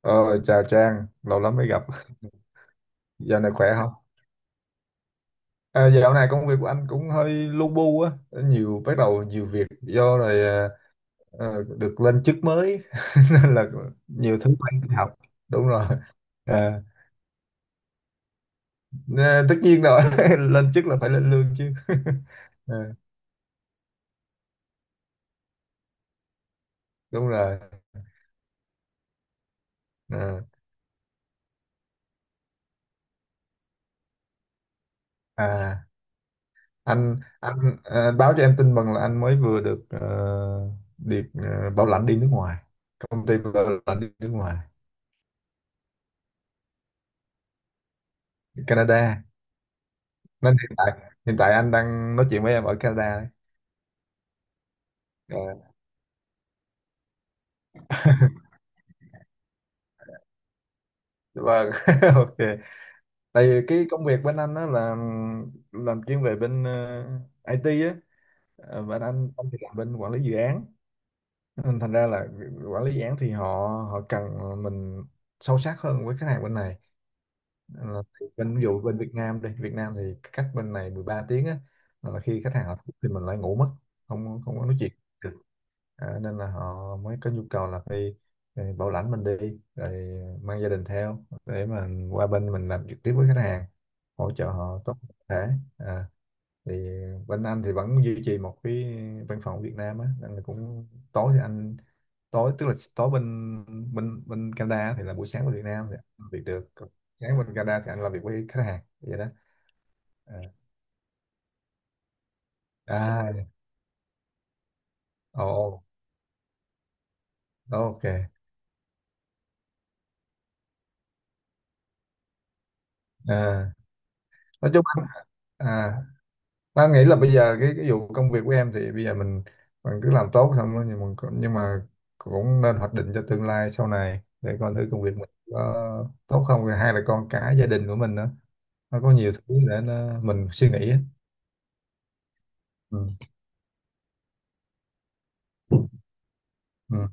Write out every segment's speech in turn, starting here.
Ờ, chào Trang, lâu lắm mới gặp. Dạo này khỏe không? À, dạo này công việc của anh cũng hơi lu bu á, bắt đầu nhiều việc do rồi, được lên chức mới nên là nhiều thứ phải học. Đúng rồi. À, nè, tất nhiên rồi, lên chức là phải lên lương chứ. Ờ, đúng rồi. Ờ, à, anh báo cho em tin mừng là anh mới vừa được bảo lãnh đi nước ngoài, công ty bảo lãnh đi nước ngoài, Canada. Nên hiện tại anh đang nói chuyện với em ở Canada đấy. Ờ, vâng, ok. Tại vì cái công việc bên anh á là làm chuyên về bên IT á. Ờ, bên anh thì làm bên quản lý dự án, nên thành ra là quản lý dự án thì họ họ cần mình sâu sát hơn với khách hàng bên này. Ờ, thì bên ví dụ bên Việt Nam, đi Việt Nam thì cách bên này 13 tiếng á, là khi khách hàng họ thức thì mình lại ngủ mất, không không có nói chuyện. Nên là họ mới có nhu cầu là phải bảo lãnh mình đi rồi mang gia đình theo để mà qua bên mình làm trực tiếp với khách hàng, hỗ trợ họ tốt nhất có thể. À, thì bên anh thì vẫn duy trì một cái văn phòng ở Việt Nam á, nên là cũng tối thì anh tối tức là tối bên bên bên Canada á, thì là buổi sáng bên Việt Nam thì anh làm việc được. Còn sáng bên Canada thì anh làm việc với khách hàng vậy đó. À, à, ồ, ồ, ok, à, nói chung anh, à, Nam nghĩ là bây giờ cái vụ công việc của em thì bây giờ mình cứ làm tốt, xong rồi nhưng mà nhưng mà cũng nên hoạch định cho tương lai sau này để coi thử công việc mình có tốt không, rồi hai là con cái gia đình của mình nữa, nó có nhiều thứ để nó, mình suy nghĩ á. Ừ. Ừ.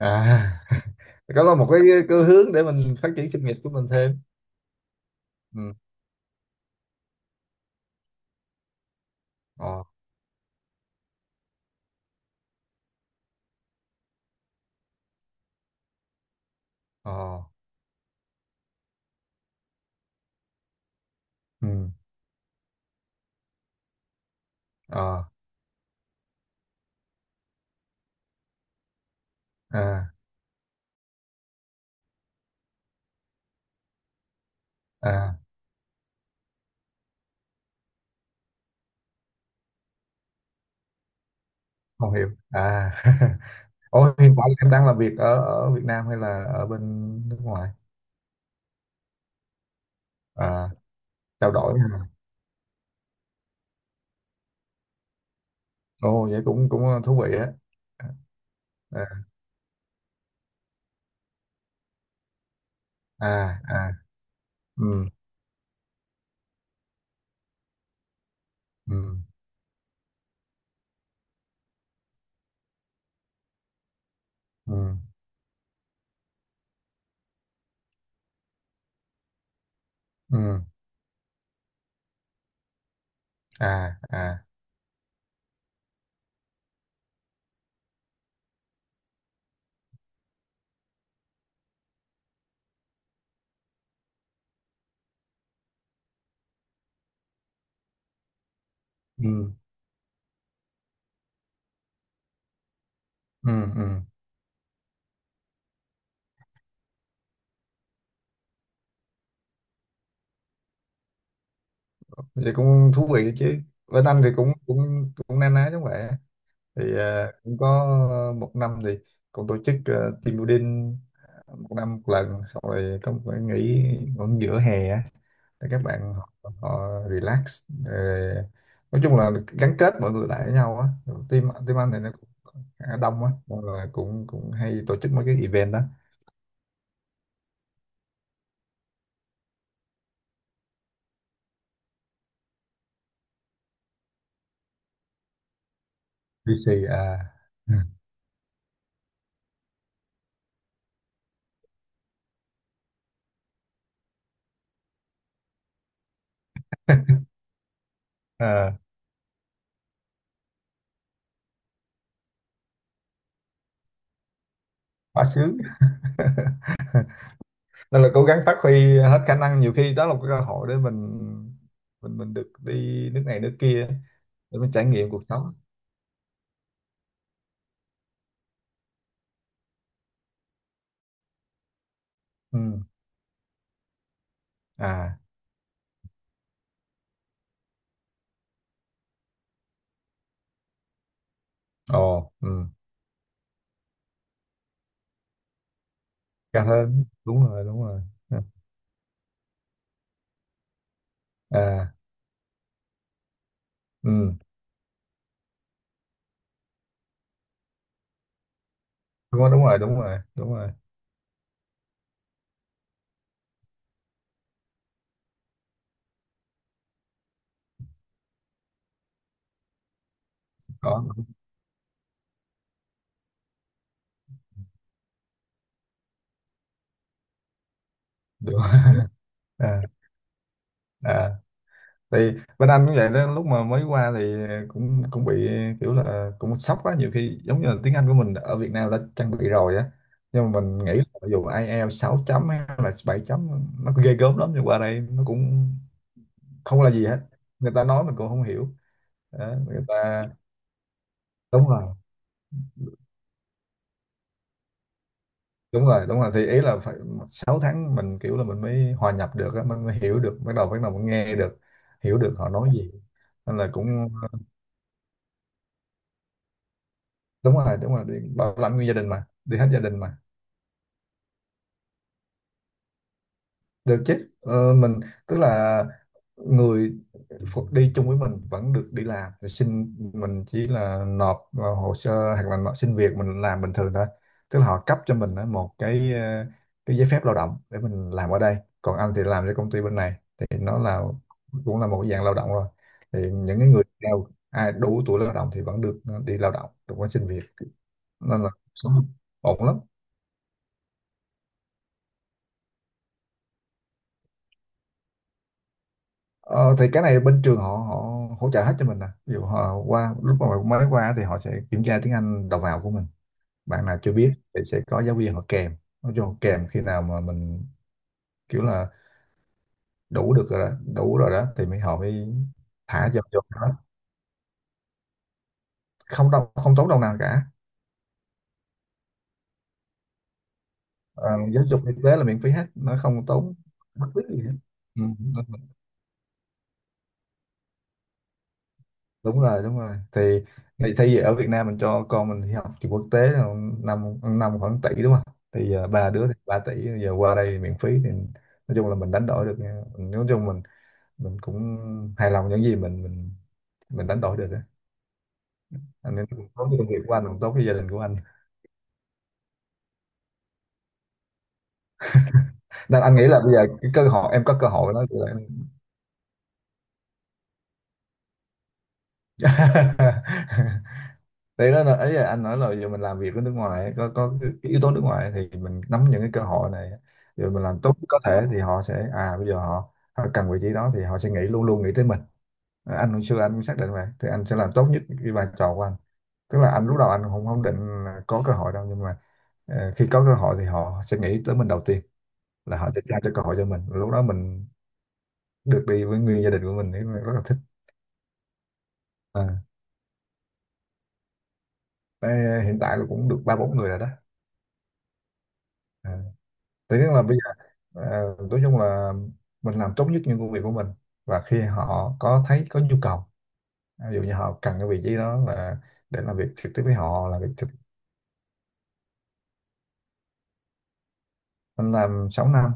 À, có là một cái hướng để mình phát triển sự nghiệp của mình thêm. Ừ. Ờ. Ờ. Ừ. Ờ. À. À, không hiểu à. Ủa, hiện tại em đang làm việc ở ở Việt Nam hay là ở bên nước ngoài? À. Trao đổi ha. Ồ, vậy cũng cũng thú vị á. À, à, à, ừ, ừ, ừ, ừ, à, à, ừ, ừ, ừ, vậy cũng thú vị đấy chứ. Bên anh thì cũng cũng cũng na ná giống vậy á. Thì à, cũng có một năm thì cũng tổ chức team building, một năm một lần, xong rồi có một cái nghỉ cũng giữa hè á, để các bạn họ relax, rồi nói chung là gắn kết mọi người lại với nhau á. Rồi team team anh thì nó cũng khá đông á, nên là cũng cũng hay tổ chức mấy cái event đó. VC à, à, quá sướng. Nên là cố gắng phát huy hết khả năng, nhiều khi đó là một cái cơ hội để mình được đi nước này nước kia, để mình trải nghiệm cuộc sống. Ừ. À. Ồ. Ừ. Cao hơn, đúng rồi, đúng rồi. À. Ừ. Đúng rồi, đúng rồi, đúng rồi, đúng rồi, có. Đúng rồi. À, à, thì bên anh cũng vậy đó, lúc mà mới qua thì cũng cũng bị kiểu là cũng sốc quá, nhiều khi giống như là tiếng Anh của mình ở Việt Nam đã trang bị rồi á, nhưng mà mình nghĩ là dù IELTS 6.0 hay là 7.0, nó có ghê gớm lắm nhưng qua đây nó cũng không là gì hết, người ta nói mình cũng không hiểu đó, người ta. Đúng rồi, đúng rồi, đúng rồi, thì ý là phải 6 tháng mình kiểu là mình mới hòa nhập được á, mình mới hiểu được, bắt đầu mình nghe được, hiểu được họ nói gì, nên là cũng. Đúng rồi, đúng rồi, đi bảo lãnh nguyên gia đình mà, đi hết gia đình mà. Được chứ, mình tức là người đi chung với mình vẫn được đi làm, thì xin mình chỉ là nộp vào hồ sơ hoặc là nộp xin việc, mình làm bình thường thôi. Tức là họ cấp cho mình á, một cái giấy phép lao động để mình làm ở đây. Còn anh thì làm cho công ty bên này thì nó là cũng là một cái dạng lao động rồi. Thì những cái người nào, ai đủ tuổi lao động thì vẫn được đi lao động được, có xin việc. Nên là ổn lắm. Ờ, thì cái này bên trường họ họ hỗ trợ hết cho mình nè. Ví dụ họ qua, lúc mà mới qua thì họ sẽ kiểm tra tiếng Anh đầu vào của mình. Bạn nào chưa biết thì sẽ có giáo viên họ kèm. Nó cho họ kèm khi nào mà mình kiểu là đủ được rồi đó, đủ rồi đó, thì mới họ mới thả vô vô đó. Không đâu, không tốn đồng nào cả. Ờ, giáo dục y tế là miễn phí hết, nó không tốn bất cứ gì hết. Ừ. Đúng rồi, đúng rồi, thì thay vì ở Việt Nam mình cho con mình đi học trường quốc tế là 5 năm khoảng tỷ đúng không, thì giờ ba đứa thì 3 tỷ, giờ qua đây thì miễn phí, thì nói chung là mình đánh đổi được nha. Nói chung mình cũng hài lòng những gì mình đánh đổi được á. Anh, nên cũng tốt cho công việc của anh, cũng tốt với gia đình của anh. Nên anh nghĩ là bây giờ cái cơ hội, em có cơ hội đó. Đấy, đó là ấy, là anh nói là giờ mình làm việc ở nước ngoài ấy, có cái yếu tố nước ngoài ấy, thì mình nắm những cái cơ hội này, rồi mình làm tốt nhất có thể thì họ sẽ, bây giờ họ cần vị trí đó thì họ sẽ nghĩ, luôn luôn nghĩ tới mình. À, anh hồi xưa anh cũng xác định vậy, thì anh sẽ làm tốt nhất cái vai trò của anh. Tức là anh lúc đầu anh không không định là có cơ hội đâu, nhưng mà khi có cơ hội thì họ sẽ nghĩ tới mình đầu tiên, là họ sẽ trao cho cơ hội cho mình, lúc đó mình được đi với nguyên gia đình của mình thì mình rất là thích. À. Ê, hiện tại là cũng được ba bốn người rồi đó. À, thế tức là bây giờ nói chung là mình làm tốt nhất những công việc của mình, và khi họ có thấy có nhu cầu, ví dụ như họ cần cái vị trí đó là để làm việc trực tiếp với họ, là việc trực. Mình làm 6 năm.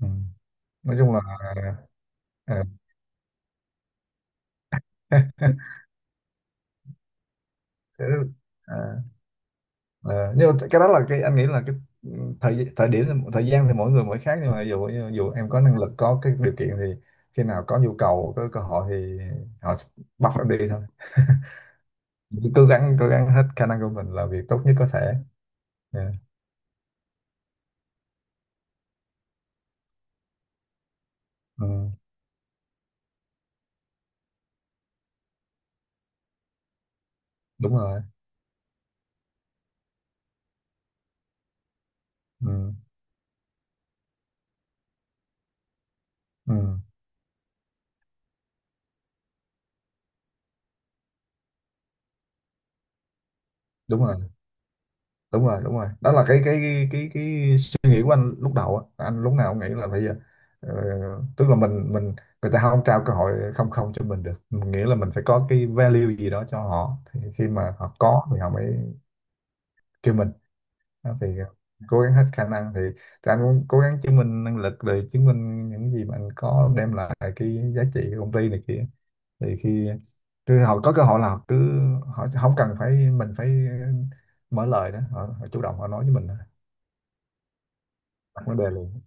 Ừ. Nói chung là, ờ, thế- Ờ, ờ, nhưng mà cái đó là cái anh nghĩ là cái, ừ, thời thời điểm, thời gian thì mỗi người mỗi khác, nhưng mà ví dụ em có năng lực, có cái điều kiện thì khi nào có nhu cầu, có cơ hội thì họ bắt em đi thôi. Cứ cố gắng hết khả năng của mình, làm việc tốt nhất có thể. Dạ, ừ, đúng rồi, ừ, ừ, đúng rồi, đúng rồi, đúng rồi, đó là cái suy nghĩ của anh lúc đầu á, anh lúc nào cũng nghĩ là bây giờ ờ, tức là mình, người ta không trao cơ hội, không không cho mình được, mình nghĩ là mình phải có cái value gì đó cho họ, thì khi mà họ có thì họ mới kêu mình. Đó, thì ờ, cố gắng hết khả năng thì anh cũng cố gắng chứng minh năng lực rồi chứng minh những gì mà anh có, đem lại cái giá trị của công ty này kia, thì khi họ có cơ hội là họ cứ, họ không cần phải mình phải mở lời đó, họ chủ động họ nói với mình, đặt vấn đề liền.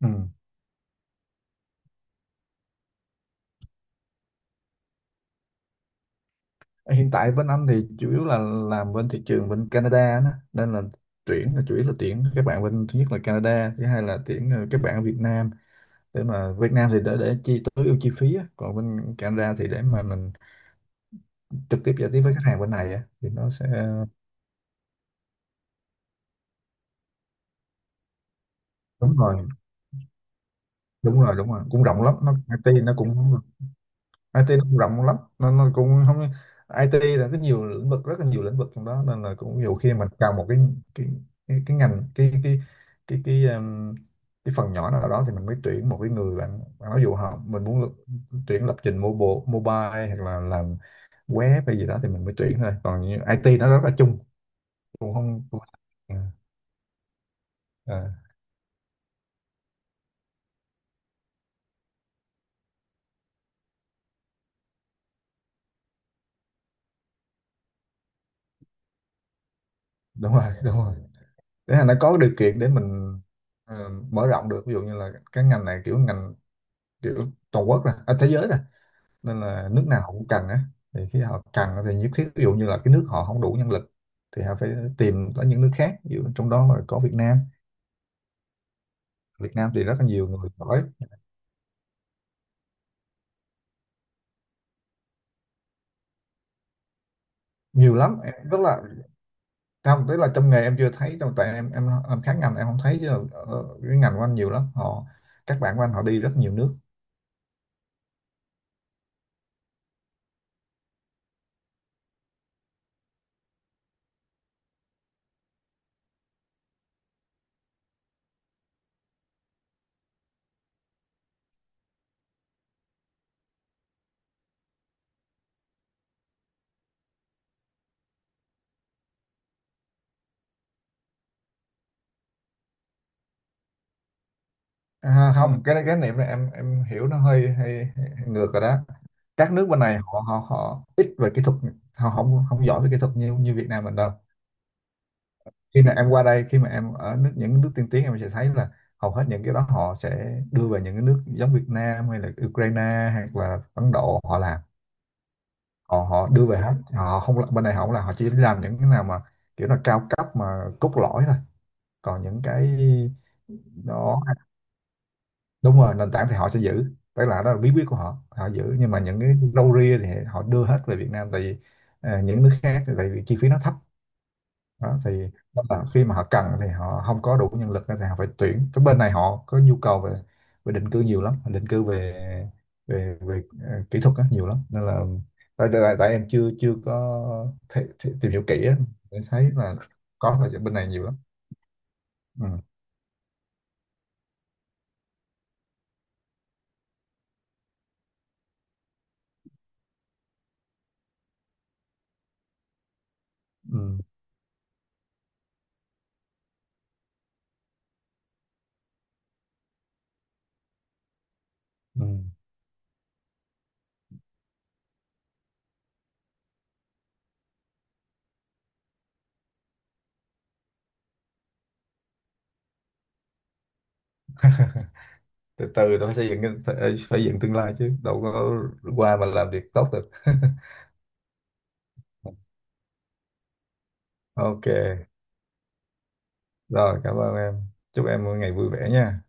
Ừ. Hiện tại bên anh thì chủ yếu là làm bên thị trường bên Canada đó, nên là tuyển là chủ yếu là tuyển các bạn bên, thứ nhất là Canada, thứ hai là tuyển các bạn ở Việt Nam. Để mà Việt Nam thì để chi tối ưu chi phí á. Còn bên Canada thì để mà mình trực tiếp giao tiếp với khách hàng bên này á, thì nó sẽ, ờ, đúng rồi, đúng rồi, đúng rồi, cũng rộng lắm nó. IT nó cũng, IT nó cũng rộng lắm, nên nó cũng không, IT là cái nhiều lĩnh vực, rất là nhiều lĩnh vực trong đó, nên là cũng nhiều khi mình cần một cái cái ngành, cái cái um, cái phần nhỏ nào đó, thì mình mới tuyển một cái người. Bạn Bạn ví dụ họ, mình muốn tuyển lập trình mobile mobile hoặc là làm web hay gì đó thì mình mới tuyển thôi, còn như IT nó rất là chung, cũng không cũng. Ừ, ờ, đúng rồi, đúng rồi, để là nó có điều kiện để mình mở rộng được, ví dụ như là cái ngành này, kiểu ngành kiểu toàn quốc ra, à, thế giới ra, nên là nước nào họ cũng cần á. Thì khi họ cần thì nhất thiết, ví dụ như là cái nước họ không đủ nhân lực thì họ phải tìm tới những nước khác, ví dụ trong đó là có Việt Nam. Việt Nam thì rất là nhiều người giỏi, nhiều lắm em rất là, trong, tức là trong nghề em chưa thấy, trong tại em khác ngành, em không thấy, chứ ở cái ngành của anh nhiều lắm họ, các bạn của anh họ đi rất nhiều nước. À. Ừ. Không, cái niệm này em hiểu nó hơi, hơi ngược rồi đó. Các nước bên này họ họ họ ít về kỹ thuật, họ không không giỏi về kỹ thuật như như Việt Nam mình đâu. Khi mà em qua đây, khi mà em ở nước, những nước tiên tiến em sẽ thấy là hầu hết những cái đó họ sẽ đưa về những cái nước giống Việt Nam hay là Ukraine hoặc là Ấn Độ họ làm. Họ Họ đưa về hết, họ không là- bên này họ không là, họ chỉ làm những cái nào mà kiểu là cao cấp mà cốt lõi thôi, còn những cái đó. Đúng rồi, nền tảng thì họ sẽ giữ, tức là đó là bí quyết của họ, họ giữ. Nhưng mà những cái râu ria thì họ đưa hết về Việt Nam, tại vì những nước khác thì tại vì chi phí nó thấp. Đó, thì đó là khi mà họ cần thì họ không có đủ nhân lực thì họ phải tuyển, cái bên này họ có nhu cầu về, định cư nhiều lắm, định cư về, về về ờ, kỹ thuật á, nhiều lắm, nên là tại, tại, tại em chưa chưa có thể, tìm hiểu kỹ á, để thấy là, có là bên này nhiều lắm. Ừ. Ừ. Ừ. Từ từ nó phải xây dựng phải dựng tương lai chứ đâu có qua mà làm việc tốt được. Ok, rồi cảm ơn em, chúc em một ngày vui vẻ nha.